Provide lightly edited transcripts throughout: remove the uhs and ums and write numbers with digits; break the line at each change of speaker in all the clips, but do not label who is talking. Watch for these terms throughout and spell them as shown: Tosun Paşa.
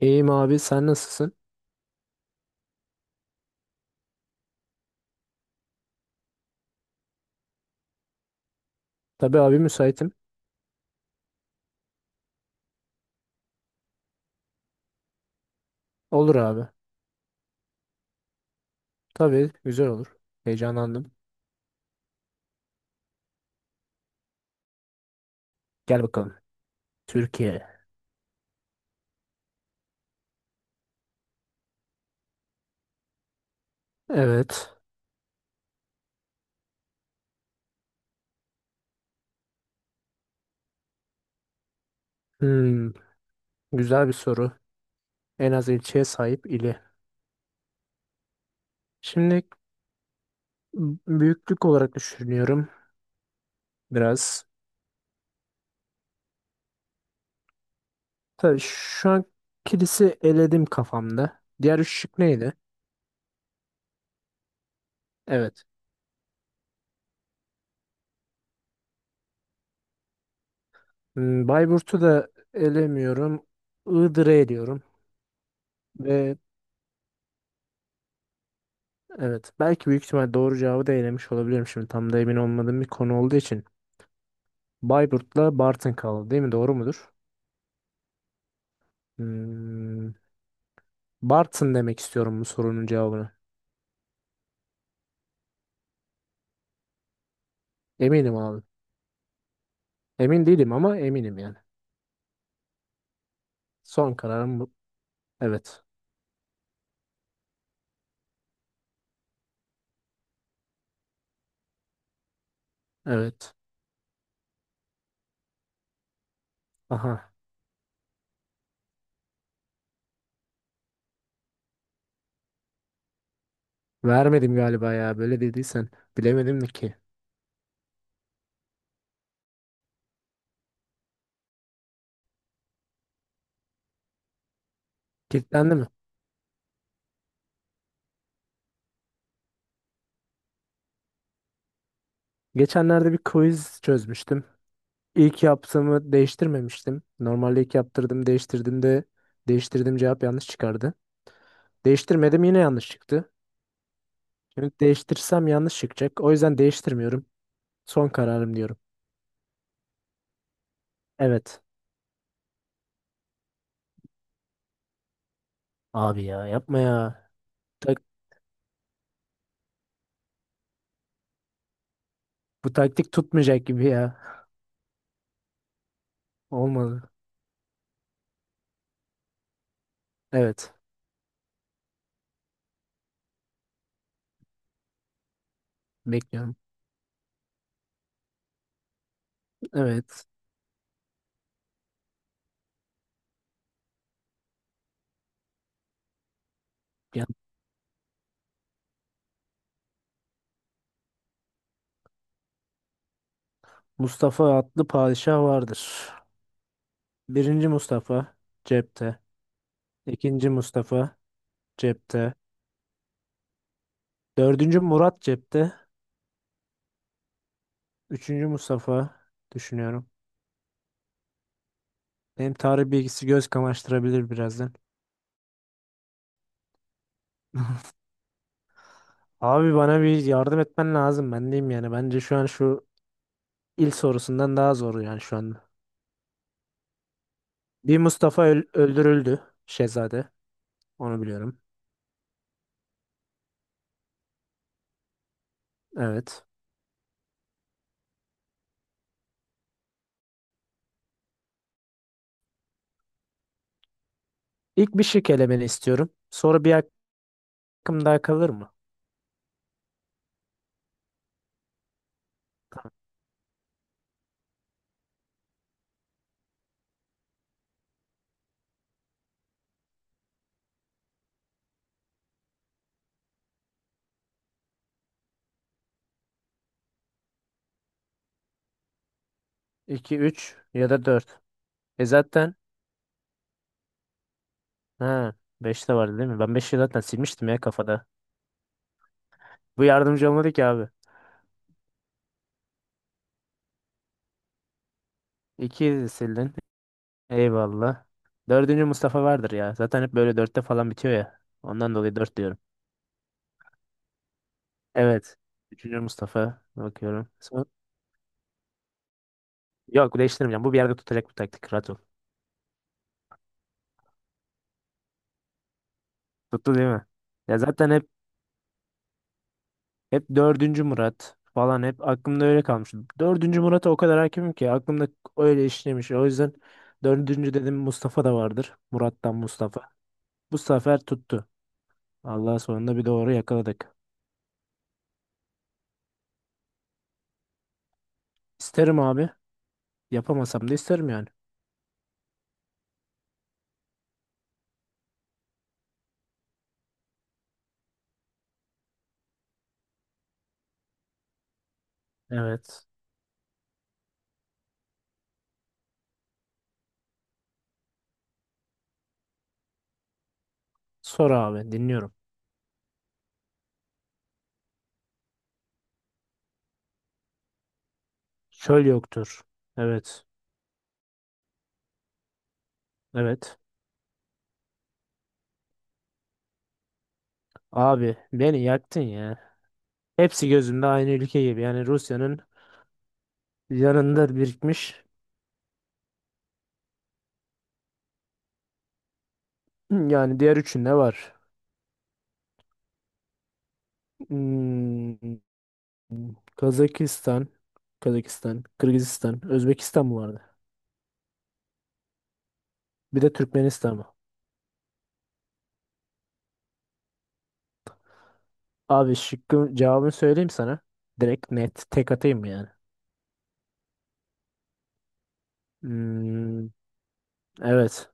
İyiyim abi sen nasılsın? Tabii abi müsaitim. Olur abi. Tabii güzel olur. Heyecanlandım. Gel bakalım. Türkiye. Evet. Hmm, Güzel bir soru. En az ilçeye sahip ili. Şimdi büyüklük olarak düşünüyorum biraz. Tabii şu an kilisi eledim kafamda. Diğer üç şık neydi? Evet. Bayburt'u da elemiyorum. Iğdır'ı eliyorum. Ve evet, belki büyük ihtimal doğru cevabı da elemiş olabilirim, şimdi tam da emin olmadığım bir konu olduğu için. Bayburt'la Bartın kaldı değil mi? Doğru mudur? Hmm, Bartın demek istiyorum bu sorunun cevabını. Eminim abi. Emin değilim ama eminim yani. Son kararım bu. Evet. Evet. Aha. Vermedim galiba ya. Böyle dediysen. Bilemedim de ki. Kilitlendi mi? Geçenlerde bir quiz çözmüştüm. İlk yaptığımı değiştirmemiştim. Normalde ilk yaptırdım, değiştirdim de değiştirdim, cevap yanlış çıkardı. Değiştirmedim, yine yanlış çıktı. Şimdi değiştirsem yanlış çıkacak. O yüzden değiştirmiyorum. Son kararım diyorum. Evet. Abi ya yapma ya. Tak- Bu taktik tutmayacak gibi ya. Olmadı. Evet. Bekliyorum. Evet. Ya, Mustafa adlı padişah vardır. Birinci Mustafa cepte. İkinci Mustafa cepte. Dördüncü Murat cepte. Üçüncü Mustafa düşünüyorum. Benim tarih bilgisi göz kamaştırabilir birazdan. Abi bana bir yardım etmen lazım. Ben diyeyim yani. Bence şu an şu il sorusundan daha zor yani şu anda. Bir Mustafa öldürüldü. Şehzade. Onu biliyorum. Evet. İlk bir şık elemeni istiyorum. Sonra bir hakkım daha kalır mı? 2, 3 ya da 4. Zaten ha, 5 de vardı değil mi? Ben beş'i zaten silmiştim ya kafada. Bu yardımcı olmadı ki abi. 2'yi sildin. Eyvallah. Dördüncü Mustafa vardır ya. Zaten hep böyle dörtte falan bitiyor ya. Ondan dolayı 4 diyorum. Evet. Üçüncü Mustafa. Bakıyorum. Son... Yok değiştirmeyeceğim. Bu bir yerde tutacak bu taktik. Rahat ol. Tuttu değil mi? Ya zaten hep dördüncü Murat falan hep aklımda öyle kalmış. Dördüncü Murat'a o kadar hakimim ki aklımda öyle işlemiş. O yüzden dördüncü dedim, Mustafa da vardır. Murat'tan Mustafa. Bu sefer tuttu. Allah, sonunda bir doğru yakaladık. İsterim abi. Yapamasam da isterim yani. Evet. Sor abi, dinliyorum. Çöl yoktur. Evet. Evet. Abi beni yaktın ya. Hepsi gözümde aynı ülke gibi. Yani Rusya'nın yanında birikmiş. Yani diğer üçünde var. Hmm. Kazakistan, Kırgızistan, Özbekistan mı vardı? Bir de Türkmenistan mı? Abi şıkkın cevabını söyleyeyim sana. Direkt net tek atayım mı yani? Hmm, evet.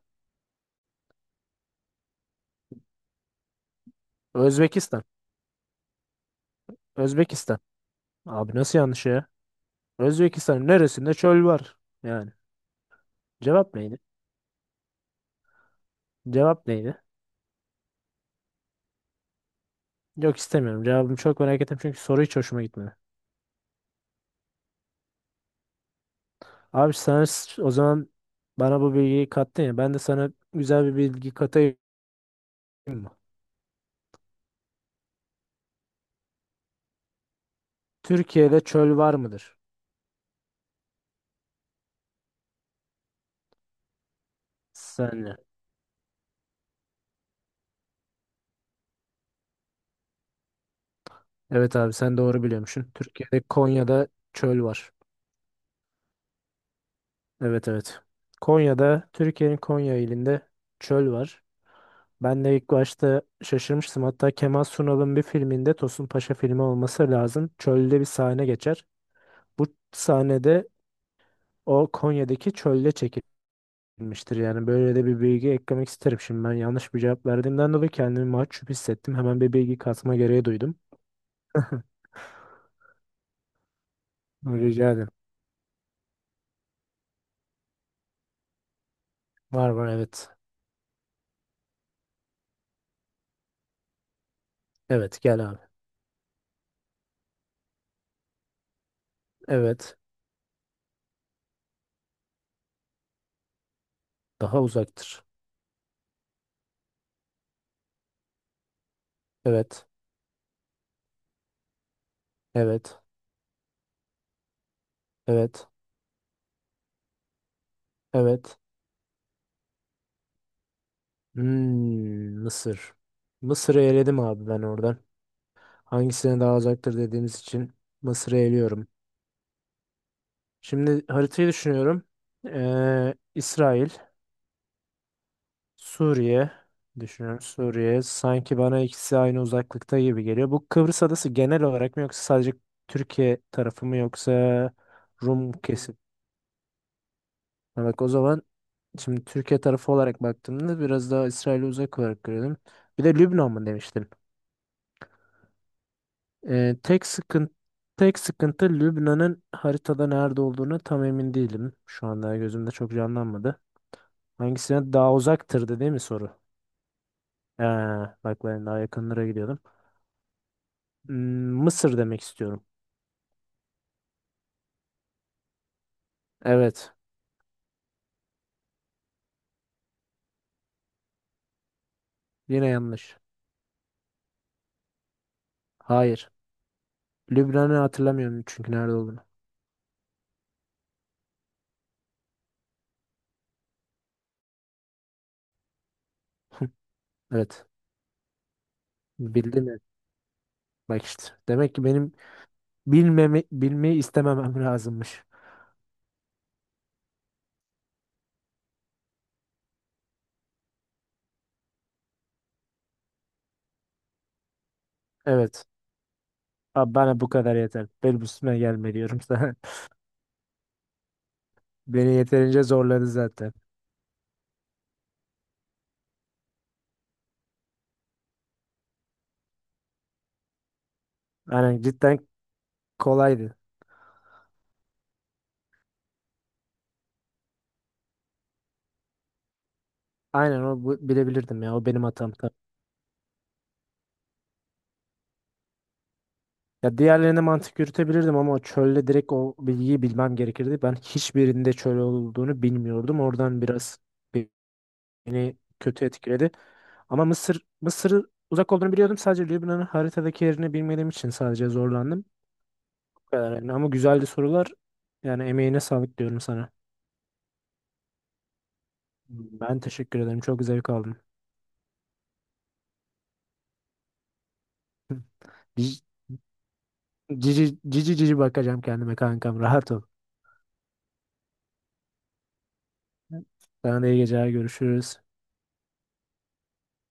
Özbekistan. Özbekistan. Abi nasıl yanlış ya? Özbekistan'ın neresinde çöl var? Yani cevap neydi? Cevap neydi? Yok, istemiyorum. Cevabımı çok merak ettim çünkü soru hiç hoşuma gitmedi. Abi sen o zaman bana bu bilgiyi kattın ya. Ben de sana güzel bir bilgi katayım mı? Türkiye'de çöl var mıdır? Saniye. Evet abi, sen doğru biliyormuşsun. Türkiye'de Konya'da çöl var. Evet, evet. Konya'da, Türkiye'nin Konya ilinde çöl var. Ben de ilk başta şaşırmıştım. Hatta Kemal Sunal'ın bir filminde, Tosun Paşa filmi olması lazım, çölde bir sahne geçer. Bu sahnede o Konya'daki çölde çekilmiştir. Yani böyle de bir bilgi eklemek isterim. Şimdi ben yanlış bir cevap verdiğimden dolayı kendimi mahcup hissettim. Hemen bir bilgi katma gereği duydum. Rica ederim. Var var, evet. Evet, gel abi. Evet. Daha uzaktır. Evet. Evet. Evet. Evet. Mısır. Mısır'ı eledim abi ben oradan. Hangisine daha uzaktır dediğimiz için Mısır'ı eliyorum. Şimdi haritayı düşünüyorum. İsrail, Suriye düşünüyorum. Suriye sanki, bana ikisi aynı uzaklıkta gibi geliyor. Bu Kıbrıs adası genel olarak mı, yoksa sadece Türkiye tarafı mı, yoksa Rum kesim? Ha, bak, o zaman şimdi Türkiye tarafı olarak baktığımda biraz daha İsrail'e uzak olarak görüyorum. Bir de Lübnan mı demiştin? Ee, tek sıkıntı tek sıkıntı, Lübnan'ın haritada nerede olduğunu tam emin değilim. Şu anda gözümde çok canlanmadı. Hangisine daha uzaktırdı değil mi soru? Ee, Bak, ben daha yakınlara gidiyordum. Hmm, Mısır demek istiyorum. Evet. Yine yanlış. Hayır. Lübnan'ı hatırlamıyorum çünkü nerede olduğunu. Evet. Bildin mi? Bak işte. Demek ki benim bilmeyi istememem lazımmış. Evet. Abi bana bu kadar yeter. Benim üstüme gelme diyorum sana. Beni yeterince zorladı zaten. Aynen, cidden kolaydı. Aynen, o bilebilirdim ya. O benim hatam tabii. Ya diğerlerine mantık yürütebilirdim ama o çölde direkt o bilgiyi bilmem gerekirdi. Ben hiçbirinde çöl olduğunu bilmiyordum. Oradan biraz beni kötü etkiledi. Ama Mısır'ı uzak olduğunu biliyordum. Sadece Lübnan'ın haritadaki yerini bilmediğim için sadece zorlandım. Bu kadar yani. Ama güzeldi sorular. Yani emeğine sağlık diyorum sana. Ben teşekkür ederim. Çok zevk aldım. Cici cici, cici cici bakacağım kendime kankam. Rahat ol. Sana da iyi geceler. Görüşürüz.